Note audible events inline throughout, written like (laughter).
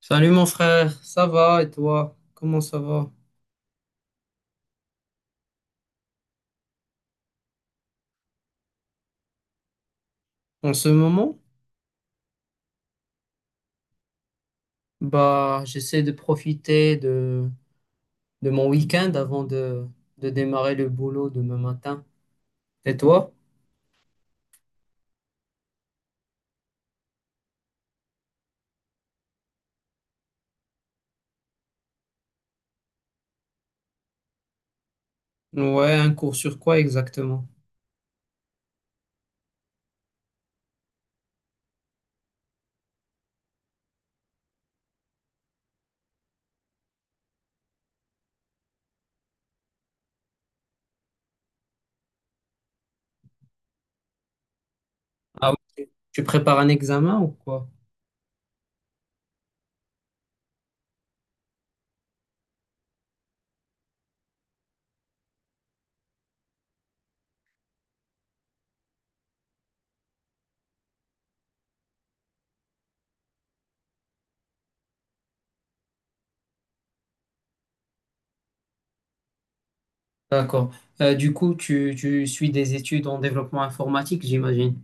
Salut mon frère, ça va et toi? Comment ça va? En ce moment, j'essaie de profiter de mon week-end avant de démarrer le boulot demain matin. Et toi? Ouais, un cours sur quoi exactement? Ah oui, tu prépares un examen ou quoi? D'accord. Du coup, tu suis des études en développement informatique, j'imagine.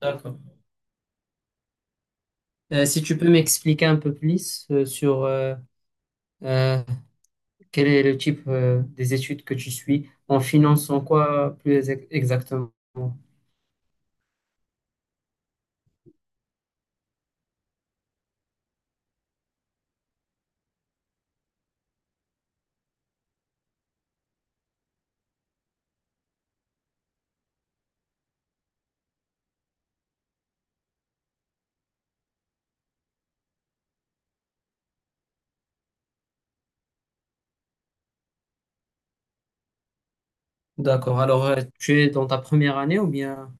D'accord. Si tu peux m'expliquer un peu plus sur euh, quel est le type des études que tu suis? En finance, en quoi plus exactement? D'accord. Alors, tu es dans ta première année ou bien?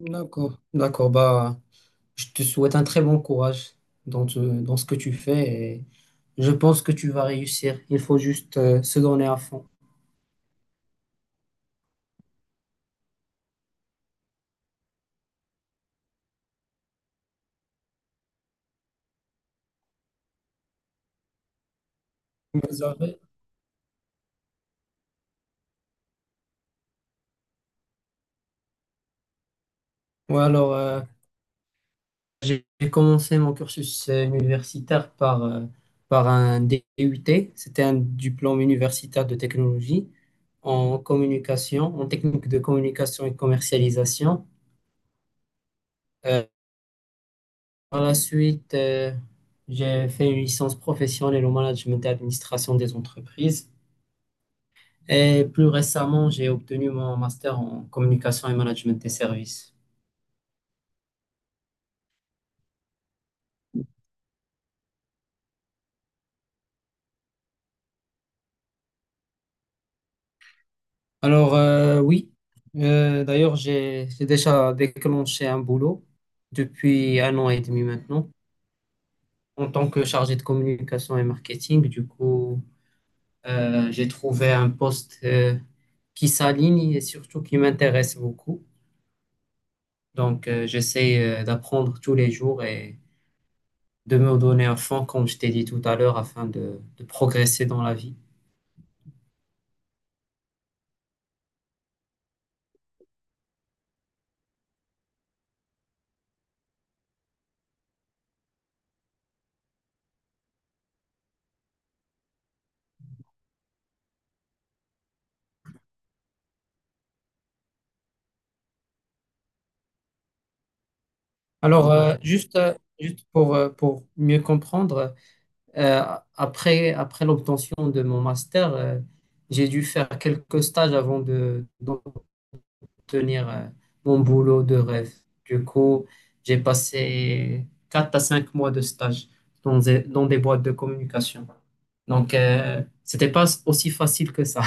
D'accord, d'accord. Bah, je te souhaite un très bon courage dans ce que tu fais et je pense que tu vas réussir. Il faut juste se donner à fond. Vous avez- Ouais, alors, j'ai commencé mon cursus universitaire par un DUT. C'était un diplôme universitaire de technologie en communication, en technique de communication et commercialisation. Euh, Par la suite, j'ai fait une licence professionnelle au management et administration des entreprises. Et plus récemment, j'ai obtenu mon master en communication et management des services. Alors, oui, d'ailleurs, j'ai déjà déclenché un boulot depuis un an et demi maintenant en tant que chargé de communication et marketing. Du coup, j'ai trouvé un poste qui s'aligne et surtout qui m'intéresse beaucoup. Donc, j'essaie d'apprendre tous les jours et de me donner à fond, comme je t'ai dit tout à l'heure, afin de progresser dans la vie. Alors, juste, juste pour mieux comprendre, euh, après, après l'obtention de mon master, j'ai dû faire quelques stages d'obtenir, mon boulot de rêve. Du coup, j'ai passé 4 à 5 mois de stage dans des boîtes de communication. Donc, c'était pas aussi facile que ça.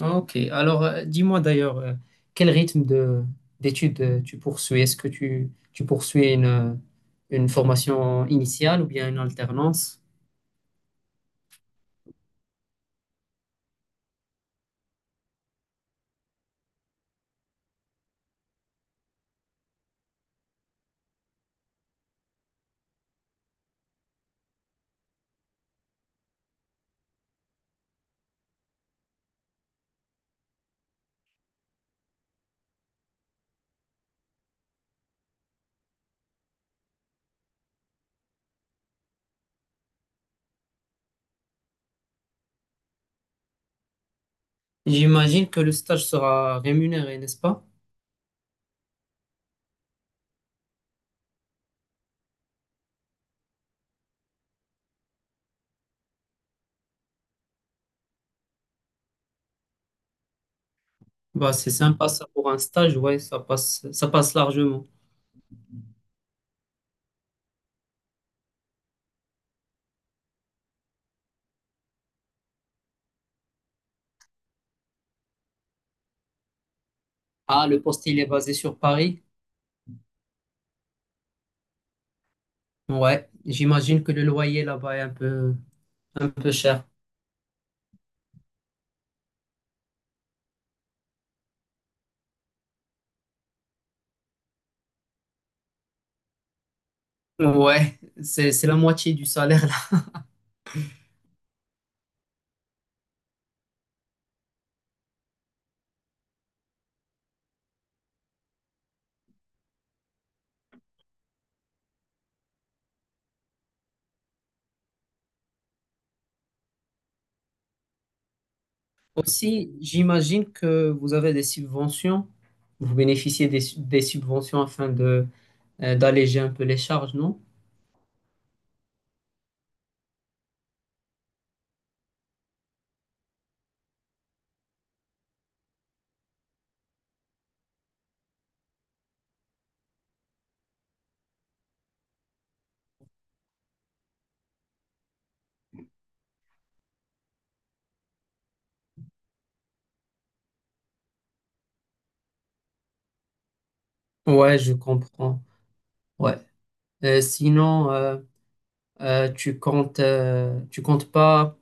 Ok, alors dis-moi d'ailleurs, quel rythme de d'études tu poursuis? Est-ce que tu poursuis une formation initiale ou bien une alternance? J'imagine que le stage sera rémunéré, n'est-ce pas? Bah, c'est sympa ça pour un stage, ouais, ça passe largement. Ah, le poste, il est basé sur Paris? Ouais, j'imagine que le loyer là-bas est un peu cher. Ouais, c'est la moitié du salaire. Aussi, j'imagine que vous avez des subventions, vous bénéficiez des subventions afin de d'alléger un peu les charges, non? Ouais, je comprends. Ouais. Sinon, tu comptes pas.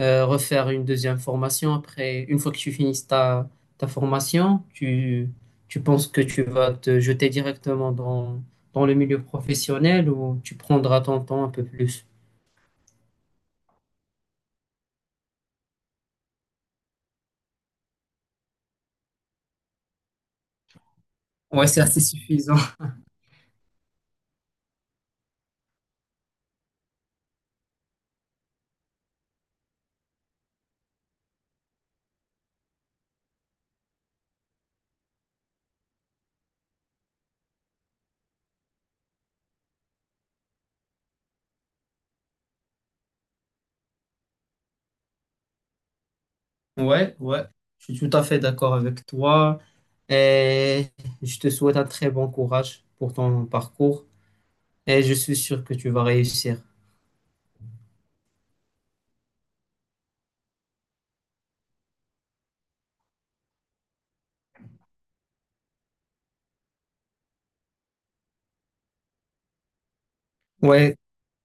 Refaire une deuxième formation. Après, une fois que tu finisses ta, ta formation, tu penses que tu vas te jeter directement dans, dans le milieu professionnel ou tu prendras ton temps un peu plus? Ouais, c'est assez suffisant. (laughs) Ouais, ouais, je suis tout à fait d'accord avec toi et je te souhaite un très bon courage pour ton parcours et je suis sûr que tu vas réussir. Ouais,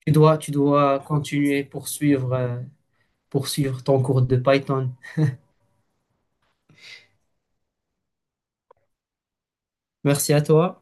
tu dois continuer, poursuivre, poursuivre ton cours de Python. Merci à toi.